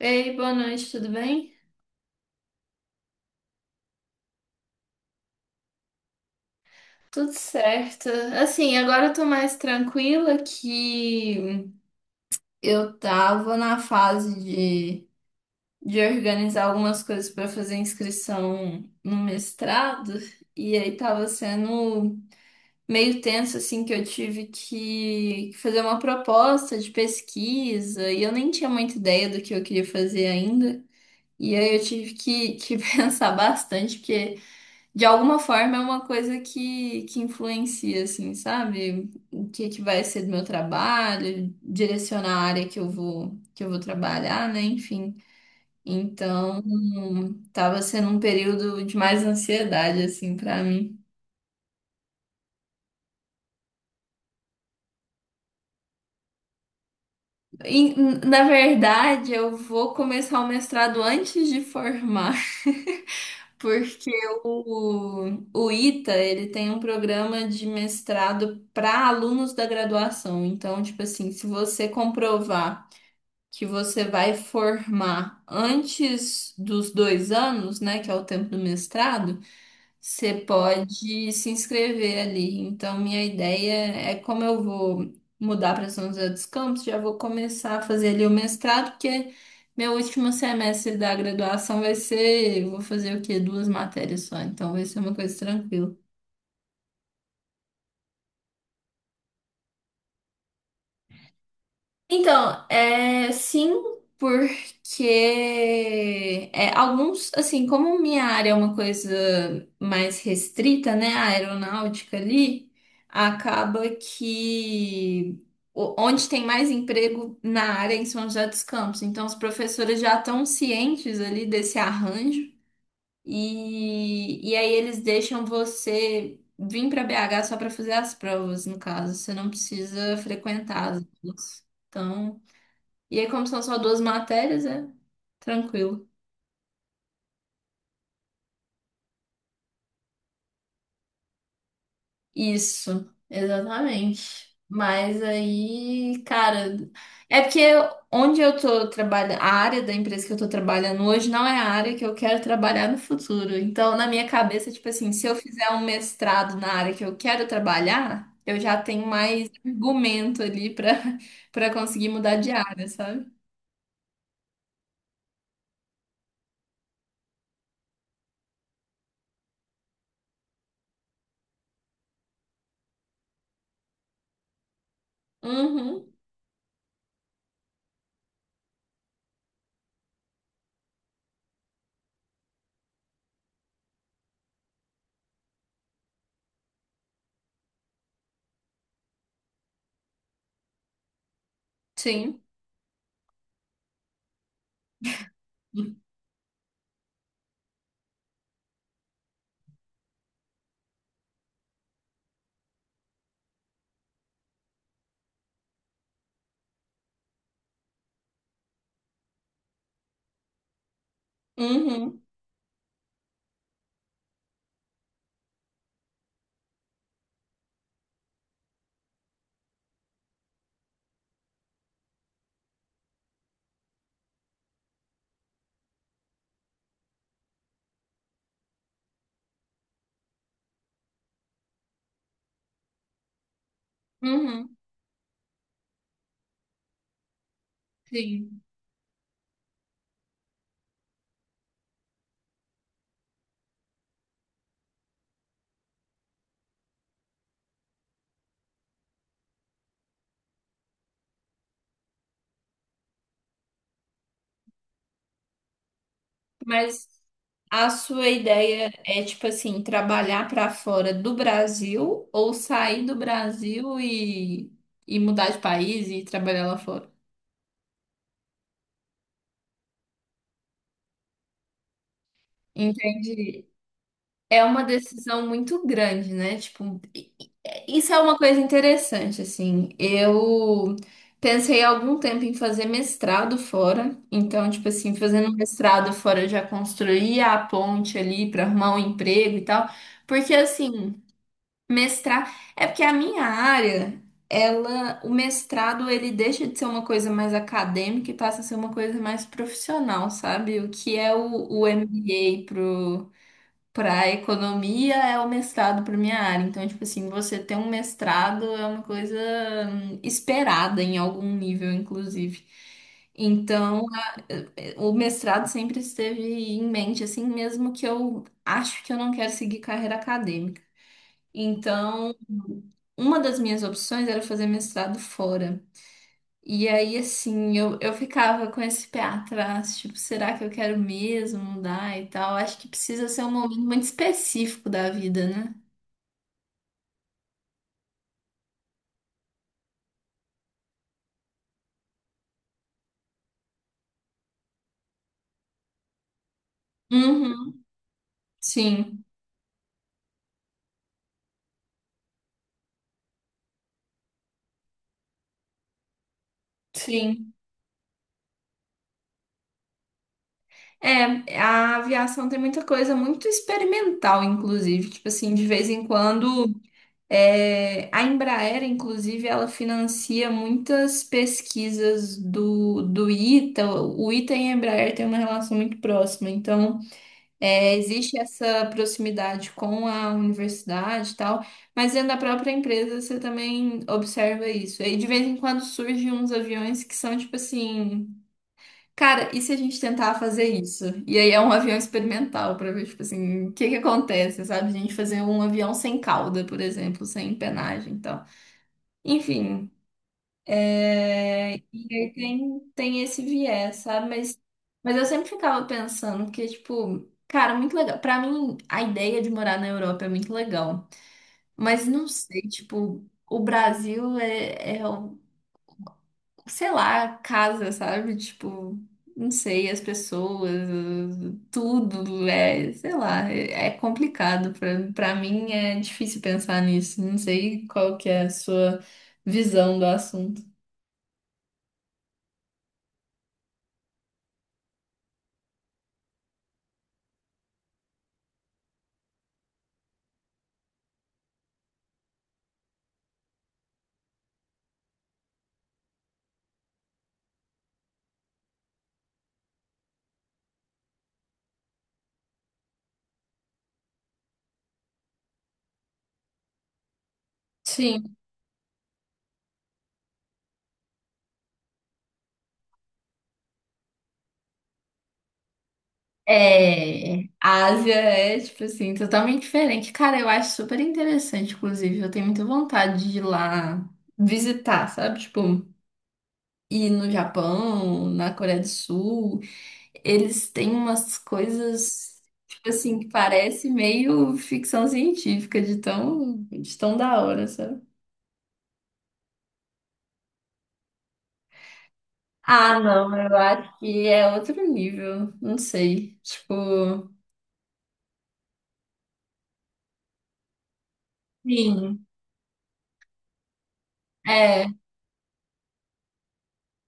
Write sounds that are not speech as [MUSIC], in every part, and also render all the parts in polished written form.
Ei, boa noite, tudo bem? Tudo certo. Assim, agora eu tô mais tranquila que eu tava na fase de organizar algumas coisas pra fazer inscrição no mestrado, e aí tava sendo meio tenso, assim, que eu tive que fazer uma proposta de pesquisa, e eu nem tinha muita ideia do que eu queria fazer ainda. E aí eu tive que [LAUGHS] pensar bastante, porque. De alguma forma é uma coisa que influencia, assim, sabe? O que que vai ser do meu trabalho, direcionar a área que eu vou trabalhar, né? Enfim. Então, tava sendo um período de mais ansiedade, assim, pra mim. E, na verdade, eu vou começar o mestrado antes de formar. [LAUGHS] Porque o ITA, ele tem um programa de mestrado para alunos da graduação. Então, tipo assim, se você comprovar que você vai formar antes dos 2 anos, né, que é o tempo do mestrado, você pode se inscrever ali. Então, minha ideia é como eu vou mudar para São José dos Campos, já vou começar a fazer ali o mestrado, porque meu último semestre da graduação vai ser, eu vou fazer o quê? Duas matérias só, então vai ser uma coisa tranquila. Então, é, sim, porque é, alguns, assim, como minha área é uma coisa mais restrita, né, a aeronáutica ali, acaba que onde tem mais emprego na área é em São José dos Campos, então os professores já estão cientes ali desse arranjo e aí eles deixam você vir para BH só para fazer as provas, no caso, você não precisa frequentar as aulas. Então, e aí, como são só duas matérias, é tranquilo. Isso, exatamente. Mas aí, cara, é porque onde eu tô trabalhando, a área da empresa que eu tô trabalhando hoje não é a área que eu quero trabalhar no futuro. Então, na minha cabeça, tipo assim, se eu fizer um mestrado na área que eu quero trabalhar, eu já tenho mais argumento ali pra [LAUGHS] para conseguir mudar de área, sabe? Uhum, sim. Uhum, uhum, sim. Mas a sua ideia é, tipo assim, trabalhar para fora do Brasil ou sair do Brasil e mudar de país e trabalhar lá fora? Entendi. É uma decisão muito grande, né? Tipo, isso é uma coisa interessante, assim. Eu pensei há algum tempo em fazer mestrado fora. Então, tipo assim, fazendo mestrado fora, eu já construía a ponte ali para arrumar um emprego e tal. Porque, assim. Mestrar é porque a minha área, ela, o mestrado ele deixa de ser uma coisa mais acadêmica e passa a ser uma coisa mais profissional, sabe? O que é o MBA pro para economia é o mestrado para minha área. Então, tipo assim, você ter um mestrado é uma coisa esperada em algum nível, inclusive. Então, o mestrado sempre esteve em mente, assim, mesmo que eu acho que eu não quero seguir carreira acadêmica. Então, uma das minhas opções era fazer mestrado fora. E aí, assim, eu ficava com esse pé atrás, tipo, será que eu quero mesmo mudar e tal? Acho que precisa ser um momento muito específico da vida, né? Uhum, sim, sim. É, a aviação tem muita coisa muito experimental, inclusive. Tipo assim, de vez em quando. É, a Embraer, inclusive, ela financia muitas pesquisas do ITA. O ITA e a Embraer têm uma relação muito próxima, então é, existe essa proximidade com a universidade e tal, mas dentro da própria empresa você também observa isso. E de vez em quando surgem uns aviões que são tipo assim. Cara, e se a gente tentar fazer isso? E aí é um avião experimental pra ver, tipo assim, o que que acontece, sabe? A gente fazer um avião sem cauda, por exemplo, sem empenagem e tal. Enfim, e aí tem esse viés, sabe? Mas eu sempre ficava pensando que, tipo, cara, muito legal. Pra mim, a ideia de morar na Europa é muito legal. Mas não sei, tipo, o Brasil é um sei lá, casa, sabe? Tipo, não sei, as pessoas, tudo é, sei lá, é complicado. Pra mim é difícil pensar nisso. Não sei qual que é a sua visão do assunto. Sim, é, a Ásia é, tipo assim, totalmente diferente. Cara, eu acho super interessante, inclusive. Eu tenho muita vontade de ir lá visitar, sabe? Tipo, ir no Japão, na Coreia do Sul. Eles têm umas coisas, tipo assim, que parece meio ficção científica, de tão da hora, sabe? Ah, não, eu acho que é outro nível, não sei. Tipo, sim. É,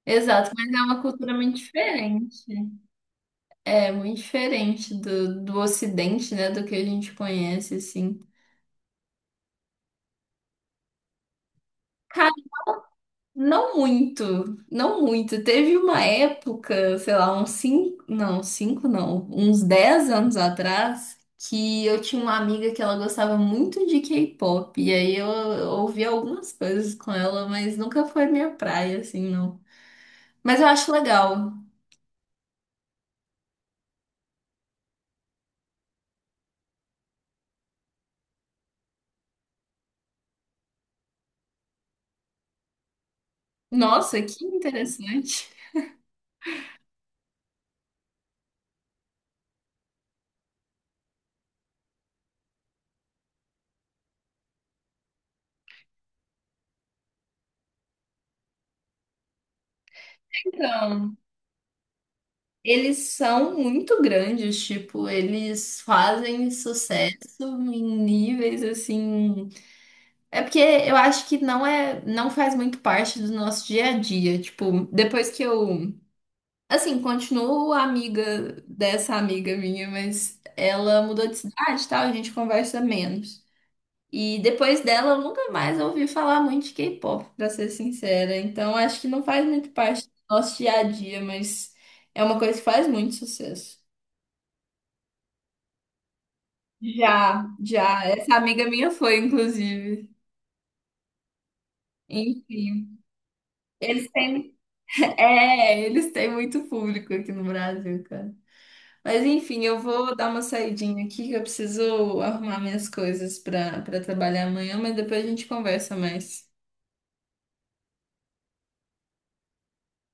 exato, mas é uma cultura muito diferente. É, muito diferente do Ocidente, né, do que a gente conhece, assim. Não muito, não muito. Teve uma época, sei lá, uns cinco não, uns 10 anos atrás, que eu tinha uma amiga que ela gostava muito de K-pop, e aí eu ouvi algumas coisas com ela, mas nunca foi minha praia, assim, não. Mas eu acho legal. Nossa, que interessante. Então, eles são muito grandes, tipo, eles fazem sucesso em níveis assim. É porque eu acho que não é, não faz muito parte do nosso dia a dia. Tipo, depois que eu, assim, continuo amiga dessa amiga minha, mas ela mudou de cidade e tal, a gente conversa menos. E depois dela, eu nunca mais ouvi falar muito de K-pop, pra ser sincera. Então, acho que não faz muito parte do nosso dia a dia, mas é uma coisa que faz muito sucesso. Já, já. Essa amiga minha foi, inclusive. Enfim. Eles têm eles têm muito público aqui no Brasil, cara. Mas enfim, eu vou dar uma saidinha aqui que eu preciso arrumar minhas coisas para trabalhar amanhã, mas depois a gente conversa mais.